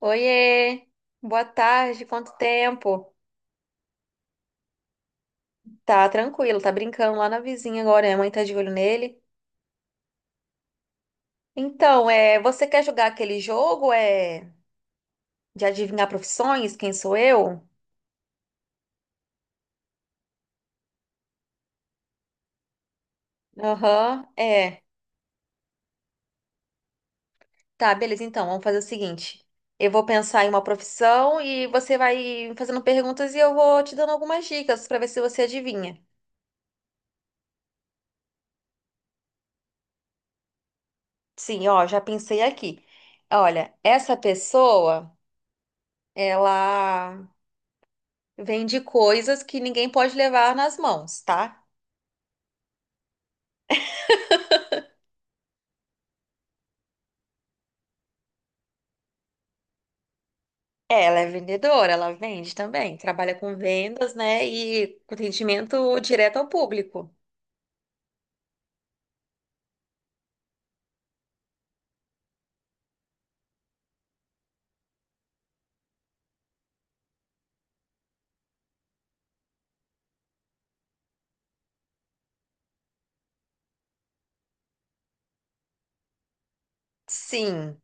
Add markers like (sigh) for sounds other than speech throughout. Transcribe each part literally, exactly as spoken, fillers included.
Oiê, boa tarde, quanto tempo? Tá tranquilo, tá brincando lá na vizinha agora, minha mãe tá de olho nele. Então, é, você quer jogar aquele jogo, é, de adivinhar profissões, quem sou eu? Aham, é. Tá, beleza, então, vamos fazer o seguinte. Eu vou pensar em uma profissão e você vai fazendo perguntas e eu vou te dando algumas dicas pra ver se você adivinha. Sim, ó, já pensei aqui. Olha, essa pessoa, ela Vende coisas que ninguém pode levar nas mãos, tá? É, ela é vendedora, ela vende também, trabalha com vendas, né? E com atendimento direto ao público. Sim,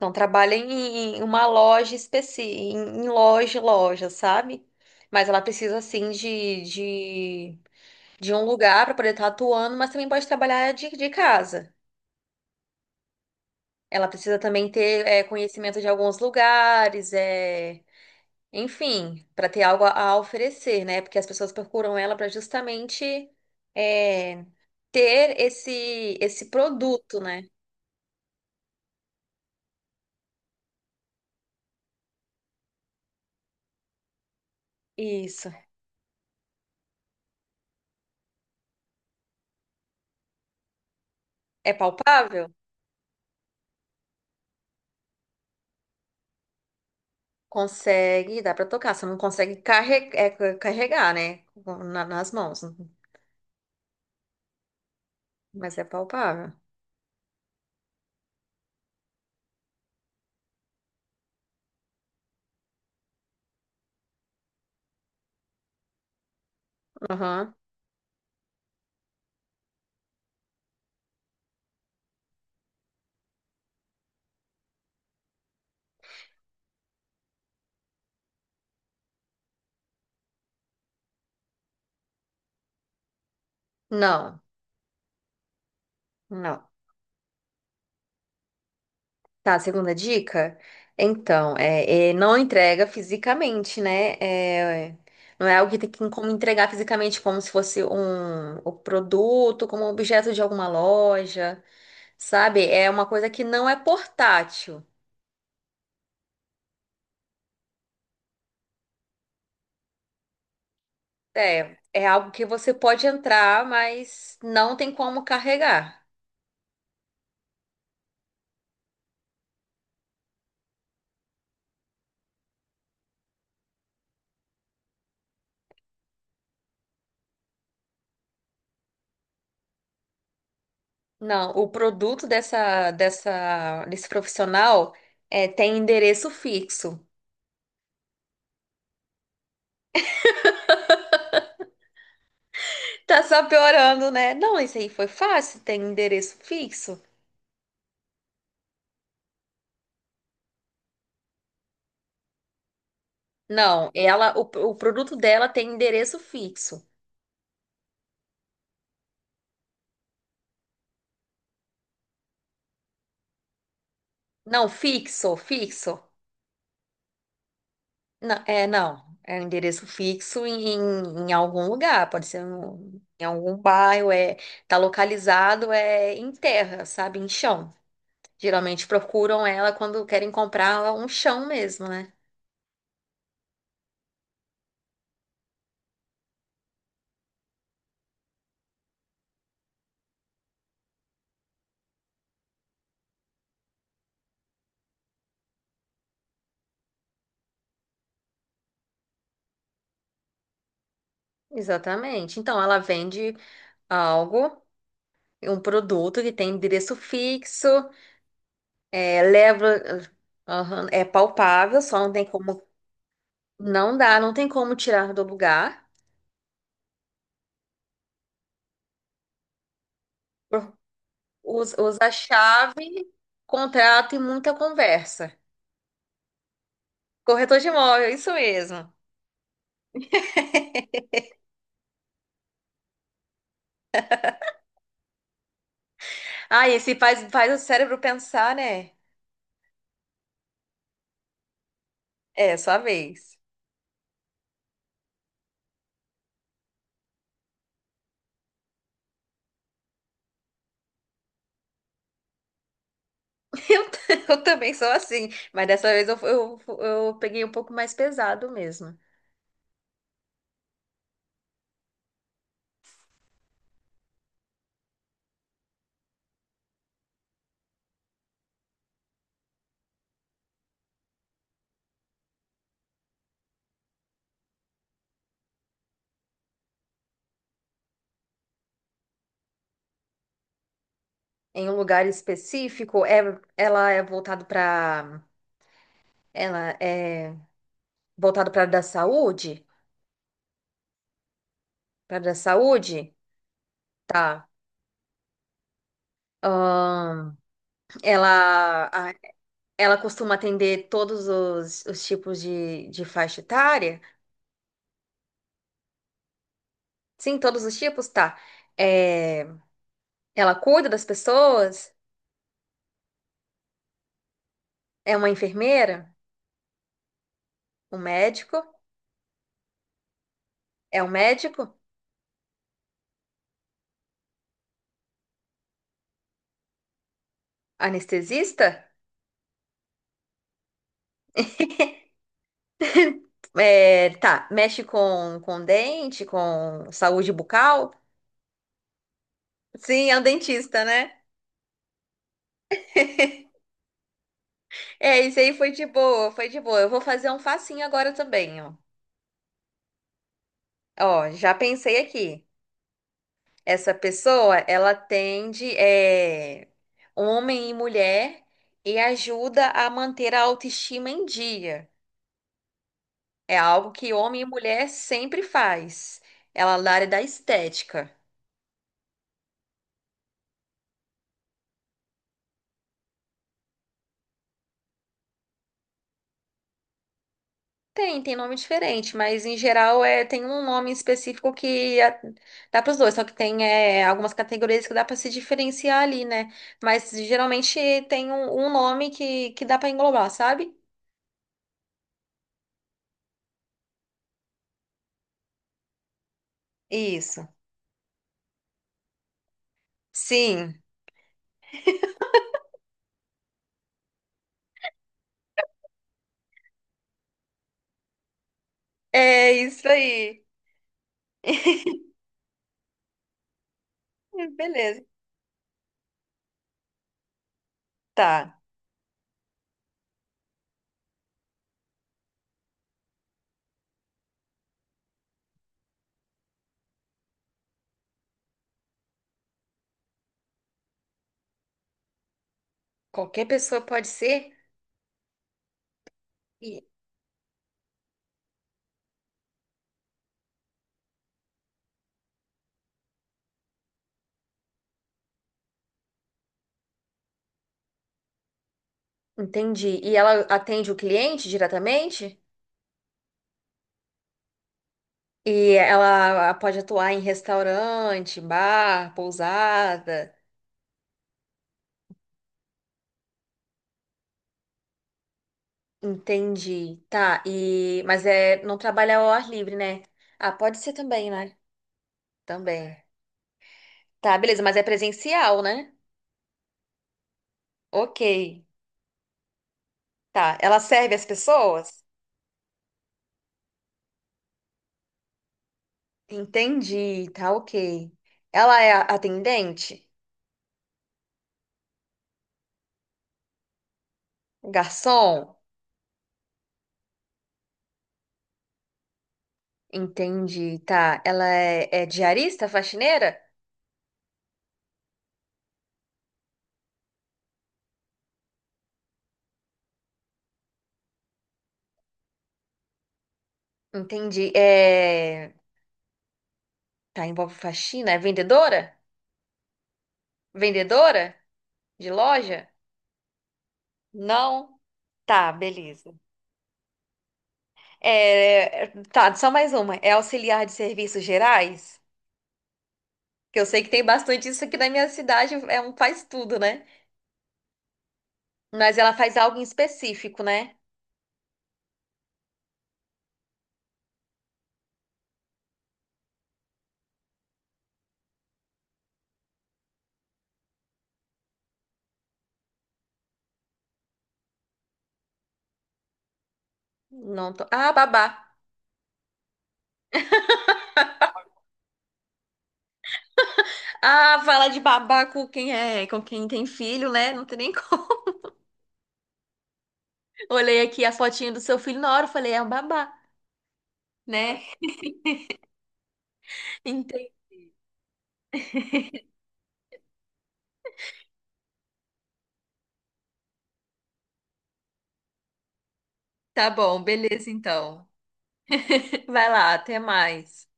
não trabalha em em uma loja específica, em em loja, loja, sabe? Mas ela precisa, assim, de, de, de um lugar para poder estar atuando, mas também pode trabalhar de, de casa. Ela precisa também ter é, conhecimento de alguns lugares, é. Enfim, para ter algo a a oferecer, né? Porque as pessoas procuram ela para justamente é, ter esse esse produto, né? Isso. É palpável? Consegue, dá para tocar. Você não consegue carre- é, ca- carregar, né? Na- nas mãos, mas é palpável. Aham. Não, não. Tá, segunda dica? Então, é, é, não entrega fisicamente, né? É, não é algo que tem que como entregar fisicamente, como se fosse um, o produto, como objeto de alguma loja, sabe? É uma coisa que não é portátil. É, é algo que você pode entrar, mas não tem como carregar. Não, o produto dessa, dessa, desse profissional é, tem endereço fixo. Tá só piorando, né? Não, isso aí foi fácil, tem endereço fixo? Não, ela, o, o produto dela tem endereço fixo. Não, fixo, fixo. Não, é, não. É um endereço fixo em, em algum lugar, pode ser um- em algum bairro, é, tá localizado é em terra, sabe? Em chão. Geralmente procuram ela quando querem comprar um chão mesmo, né? Exatamente. Então, ela vende algo, um produto que tem endereço fixo. É, leva, aham, é palpável, só não tem como, não dá, não tem como tirar do lugar. Usa, usa a chave, contrato e muita conversa. Corretor de imóvel, isso mesmo. Ah, esse faz, faz o cérebro pensar, né? É, sua vez. (laughs) Eu, t- eu também sou assim, mas dessa vez eu, eu, eu peguei um pouco mais pesado mesmo. Em um lugar específico, é, ela é voltado para, ela é voltado para da saúde, para da saúde. Tá. Ahn, ela, a- ela costuma atender todos os, os tipos de, de faixa etária? Sim, todos os tipos, tá. É, ela cuida das pessoas? É uma enfermeira? Um médico? É um médico? Anestesista? É, tá, mexe com, com dente, com saúde bucal? Sim, é um dentista, né? É, isso aí foi de boa, foi de boa. Eu vou fazer um facinho agora também, ó. Ó, já pensei aqui. Essa pessoa, ela atende é, homem e mulher e ajuda a manter a autoestima em dia. É algo que homem e mulher sempre faz. Ela é da área da estética. Tem, tem nome diferente, mas em geral é, tem um nome específico que a- dá para os dois, só que tem é, algumas categorias que dá para se diferenciar ali, né? Mas geralmente tem um, um nome que, que dá para englobar, sabe? Isso. Sim, é isso aí. (laughs) Beleza. Tá. Qualquer pessoa pode ser? E- Entendi. E ela atende o cliente diretamente? E ela pode atuar em restaurante, bar, pousada. Entendi. Tá. E mas é não trabalha ao ar livre, né? Ah, pode ser também, né? Também. Tá, beleza, mas é presencial, né? OK. Tá. Ela serve as pessoas? Entendi. Tá, OK. Ela é a- atendente? Garçom? Entendi, tá. Ela é, é diarista, faxineira? Entendi. É... Tá, envolve faxina? É vendedora? Vendedora de loja? Não. Tá, beleza. É... é, Tá, só mais uma. É auxiliar de serviços gerais? Que eu sei que tem bastante isso aqui na minha cidade, é um faz tudo, né? Mas ela faz algo em específico, né? Não tô... Ah, babá. Ah, fala de babá com quem é, com quem tem filho, né? Não tem nem como. Olhei aqui a fotinha do seu filho na hora, eu falei, é um babá, né? Entendi. Tá bom, beleza então. (laughs) Vai lá, até mais.